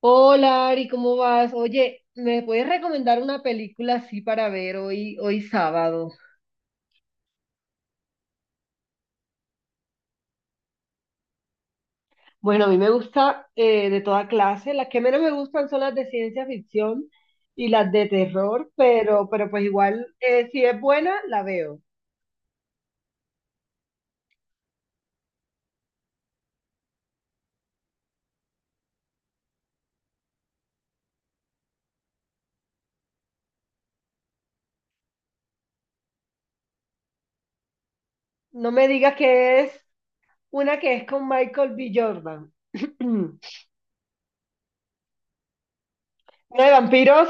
Hola Ari, ¿cómo vas? Oye, ¿me puedes recomendar una película así para ver hoy, sábado? Bueno, a mí me gusta de toda clase. Las que menos me gustan son las de ciencia ficción y las de terror, pero pues igual, si es buena, la veo. No me digas que es una que es con Michael B. Jordan. ¿Una de vampiros?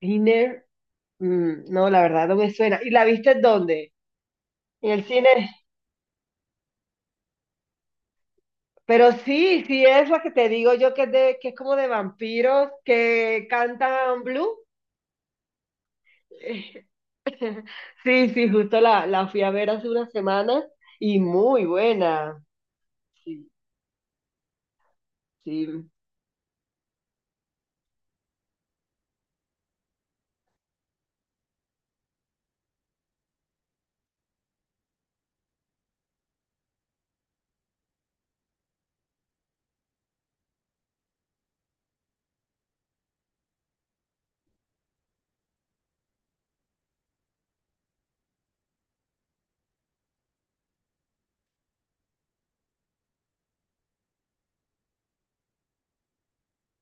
Thinner. Mm, no, la verdad no me suena. ¿Y la viste dónde? ¿En el cine? Pero sí, sí es la que te digo yo que que es como de vampiros que cantan blues. Sí, sí, justo la fui a ver hace unas semanas y muy buena. Sí, sí,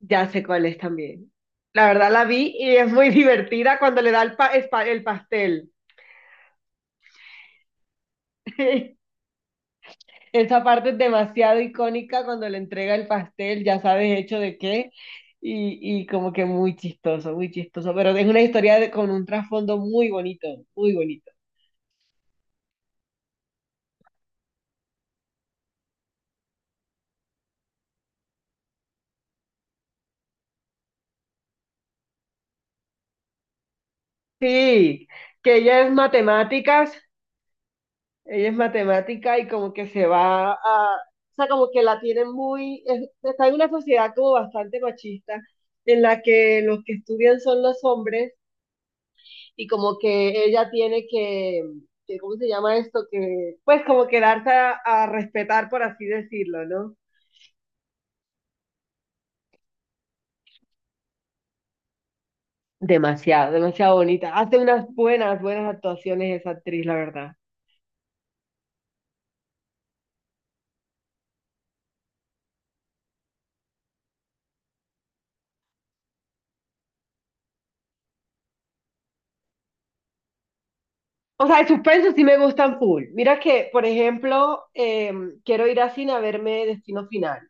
ya sé cuál es también. La verdad la vi y es muy divertida cuando le da el pastel. Esa parte es demasiado icónica cuando le entrega el pastel, ya sabes hecho de qué, y como que muy chistoso, pero es con un trasfondo muy bonito, muy bonito. Sí, que ella es matemáticas, ella es matemática y como que o sea, como que la tienen muy, está en una sociedad como bastante machista, en la que los que estudian son los hombres y como que ella tiene que, ¿cómo se llama esto? Que, pues como que darse a respetar, por así decirlo, ¿no? Demasiado, demasiado bonita. Hace unas buenas, buenas actuaciones esa actriz, la verdad. O sea, de suspenso sí me gustan full. Mira que, por ejemplo, quiero ir a cine a verme Destino Final.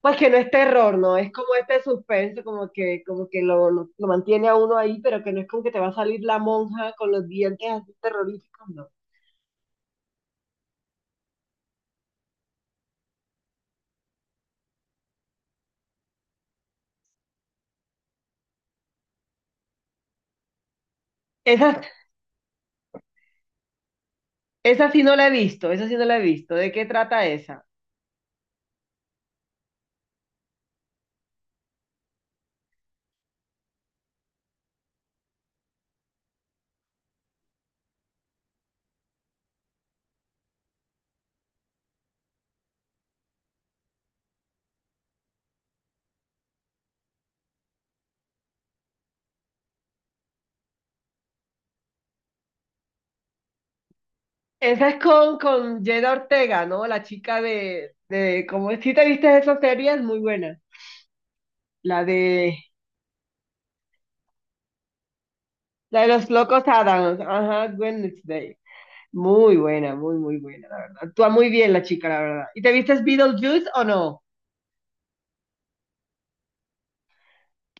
Pues que no es terror, ¿no? Es como este suspenso, como que lo mantiene a uno ahí, pero que no es como que te va a salir la monja con los dientes así terroríficos, ¿no? Esas Esa sí no la he visto, esa sí no la he visto. ¿De qué trata esa? Esa es con Jenna Ortega, ¿no? La chica como si te viste esa serie, es muy buena. La de, la de los locos Adams, ajá, Wednesday. Muy buena, muy buena, la verdad. Actúa muy bien la chica, la verdad. ¿Y te vistes Beetlejuice o no?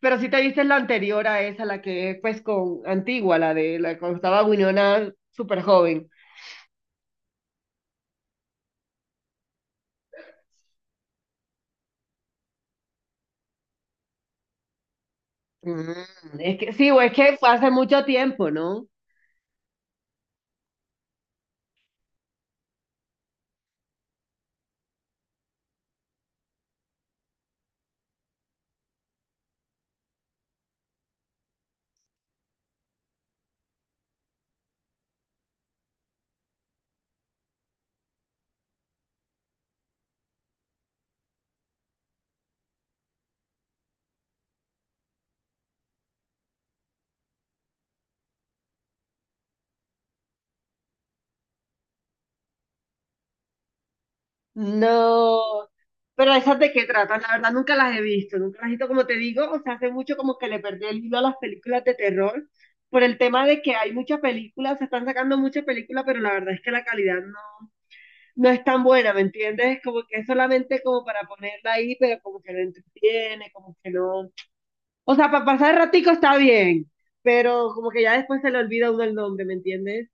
Pero sí te viste la anterior a esa, la que es pues con antigua, la de la cuando estaba Winona súper joven. Mm, es que sí, o es que fue hace mucho tiempo, ¿no? No, pero esas de qué tratan, la verdad nunca las he visto, nunca las he visto, como te digo, o sea, hace mucho como que le perdí el hilo a las películas de terror por el tema de que hay muchas películas, se están sacando muchas películas, pero la verdad es que la calidad no, no es tan buena, ¿me entiendes? Como que es solamente como para ponerla ahí, pero como que no entretiene, como que no. O sea, para pasar el ratico está bien, pero como que ya después se le olvida a uno el nombre, ¿me entiendes?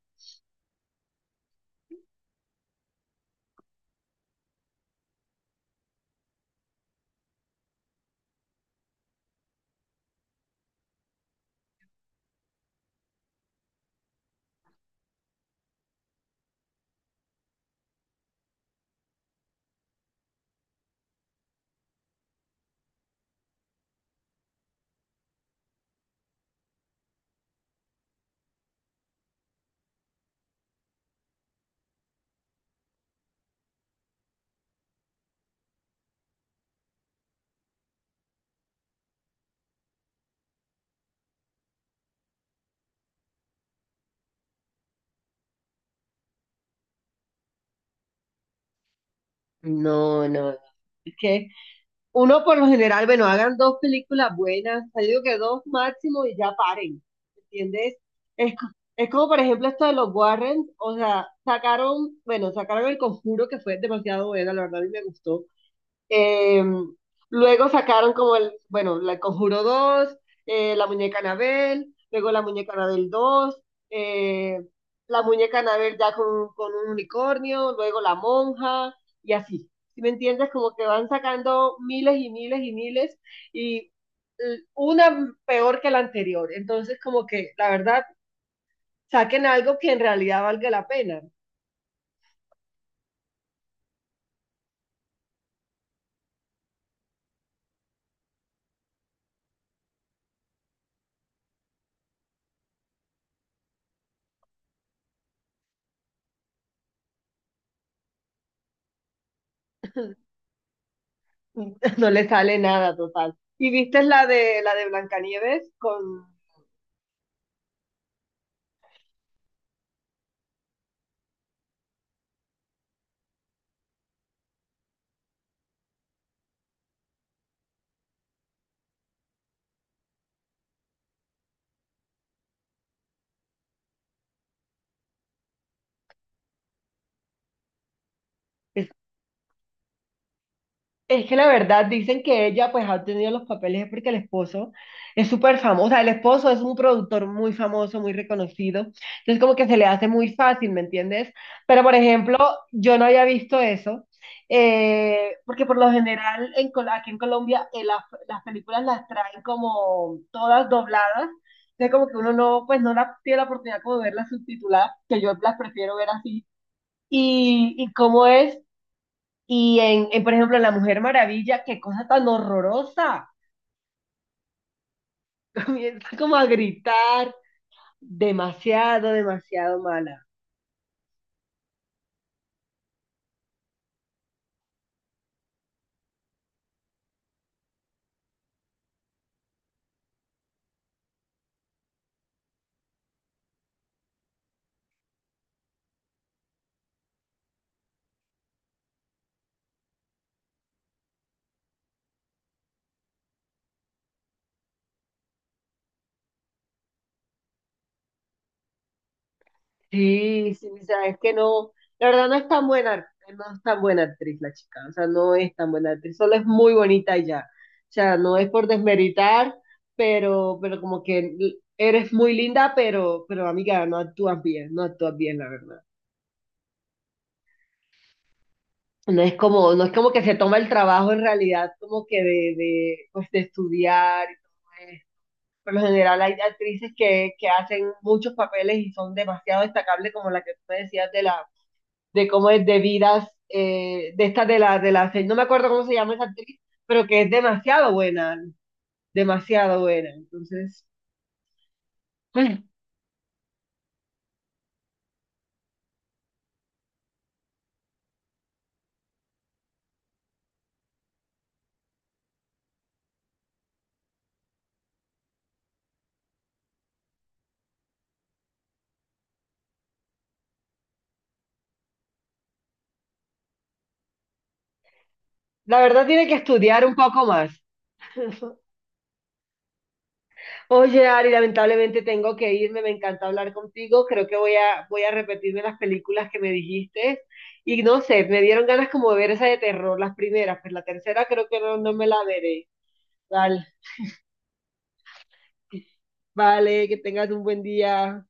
No, no, es que uno por lo general, bueno, hagan dos películas buenas, o yo digo que dos máximo y ya paren, ¿entiendes? Es, co- es como por ejemplo esto de los Warren, o sea, sacaron, bueno, sacaron El Conjuro que fue demasiado buena, la verdad a mí me gustó. Eh, luego sacaron como bueno, la El Conjuro dos, la muñeca Anabel, luego la muñeca Anabel dos, eh, la muñeca Anabel ya con un unicornio, luego la monja y así. ¿Sí me entiendes? Como que van sacando miles y miles y miles y una peor que la anterior. Entonces, como que la verdad, saquen algo que en realidad valga la pena. No le sale nada total. ¿Y viste la de Blancanieves con... Es, es que la verdad dicen que ella pues ha obtenido los papeles es porque el esposo es súper famoso, o sea, el esposo es un productor muy famoso, muy reconocido, entonces como que se le hace muy fácil, ¿me entiendes? Pero por ejemplo, yo no había visto eso, porque por lo general aquí en Colombia, las películas las traen como todas dobladas, entonces como que uno no, pues no la, tiene la oportunidad como de verlas subtituladas, que yo las prefiero ver así. Y cómo es Y en, por ejemplo, en La Mujer Maravilla, qué cosa tan horrorosa. Comienza como a gritar, demasiado, demasiado mala. Sí, sí, o sea, es que no, la verdad no es tan buena, no es tan buena actriz la chica, o sea, no es tan buena actriz, solo es muy bonita y ya. O sea, no es por desmeritar, pero como que eres muy linda, pero amiga, no actúas bien, no actúas bien, la verdad. No es como, no es como que se toma el trabajo en realidad como que de, pues de estudiar, y todo. Por lo general hay actrices que hacen muchos papeles y son demasiado destacables como la que tú me decías de cómo es de vidas, de esta no me acuerdo cómo se llama esa actriz, pero que es demasiado buena, demasiado buena. Entonces, bueno, la verdad tiene que estudiar un poco más. Oye, Ari, lamentablemente tengo que irme, me encanta hablar contigo, creo que voy a repetirme las películas que me dijiste y no sé, me dieron ganas como de ver esa de terror, las primeras, pues la tercera creo que no, no me la veré. Vale, vale, que tengas un buen día.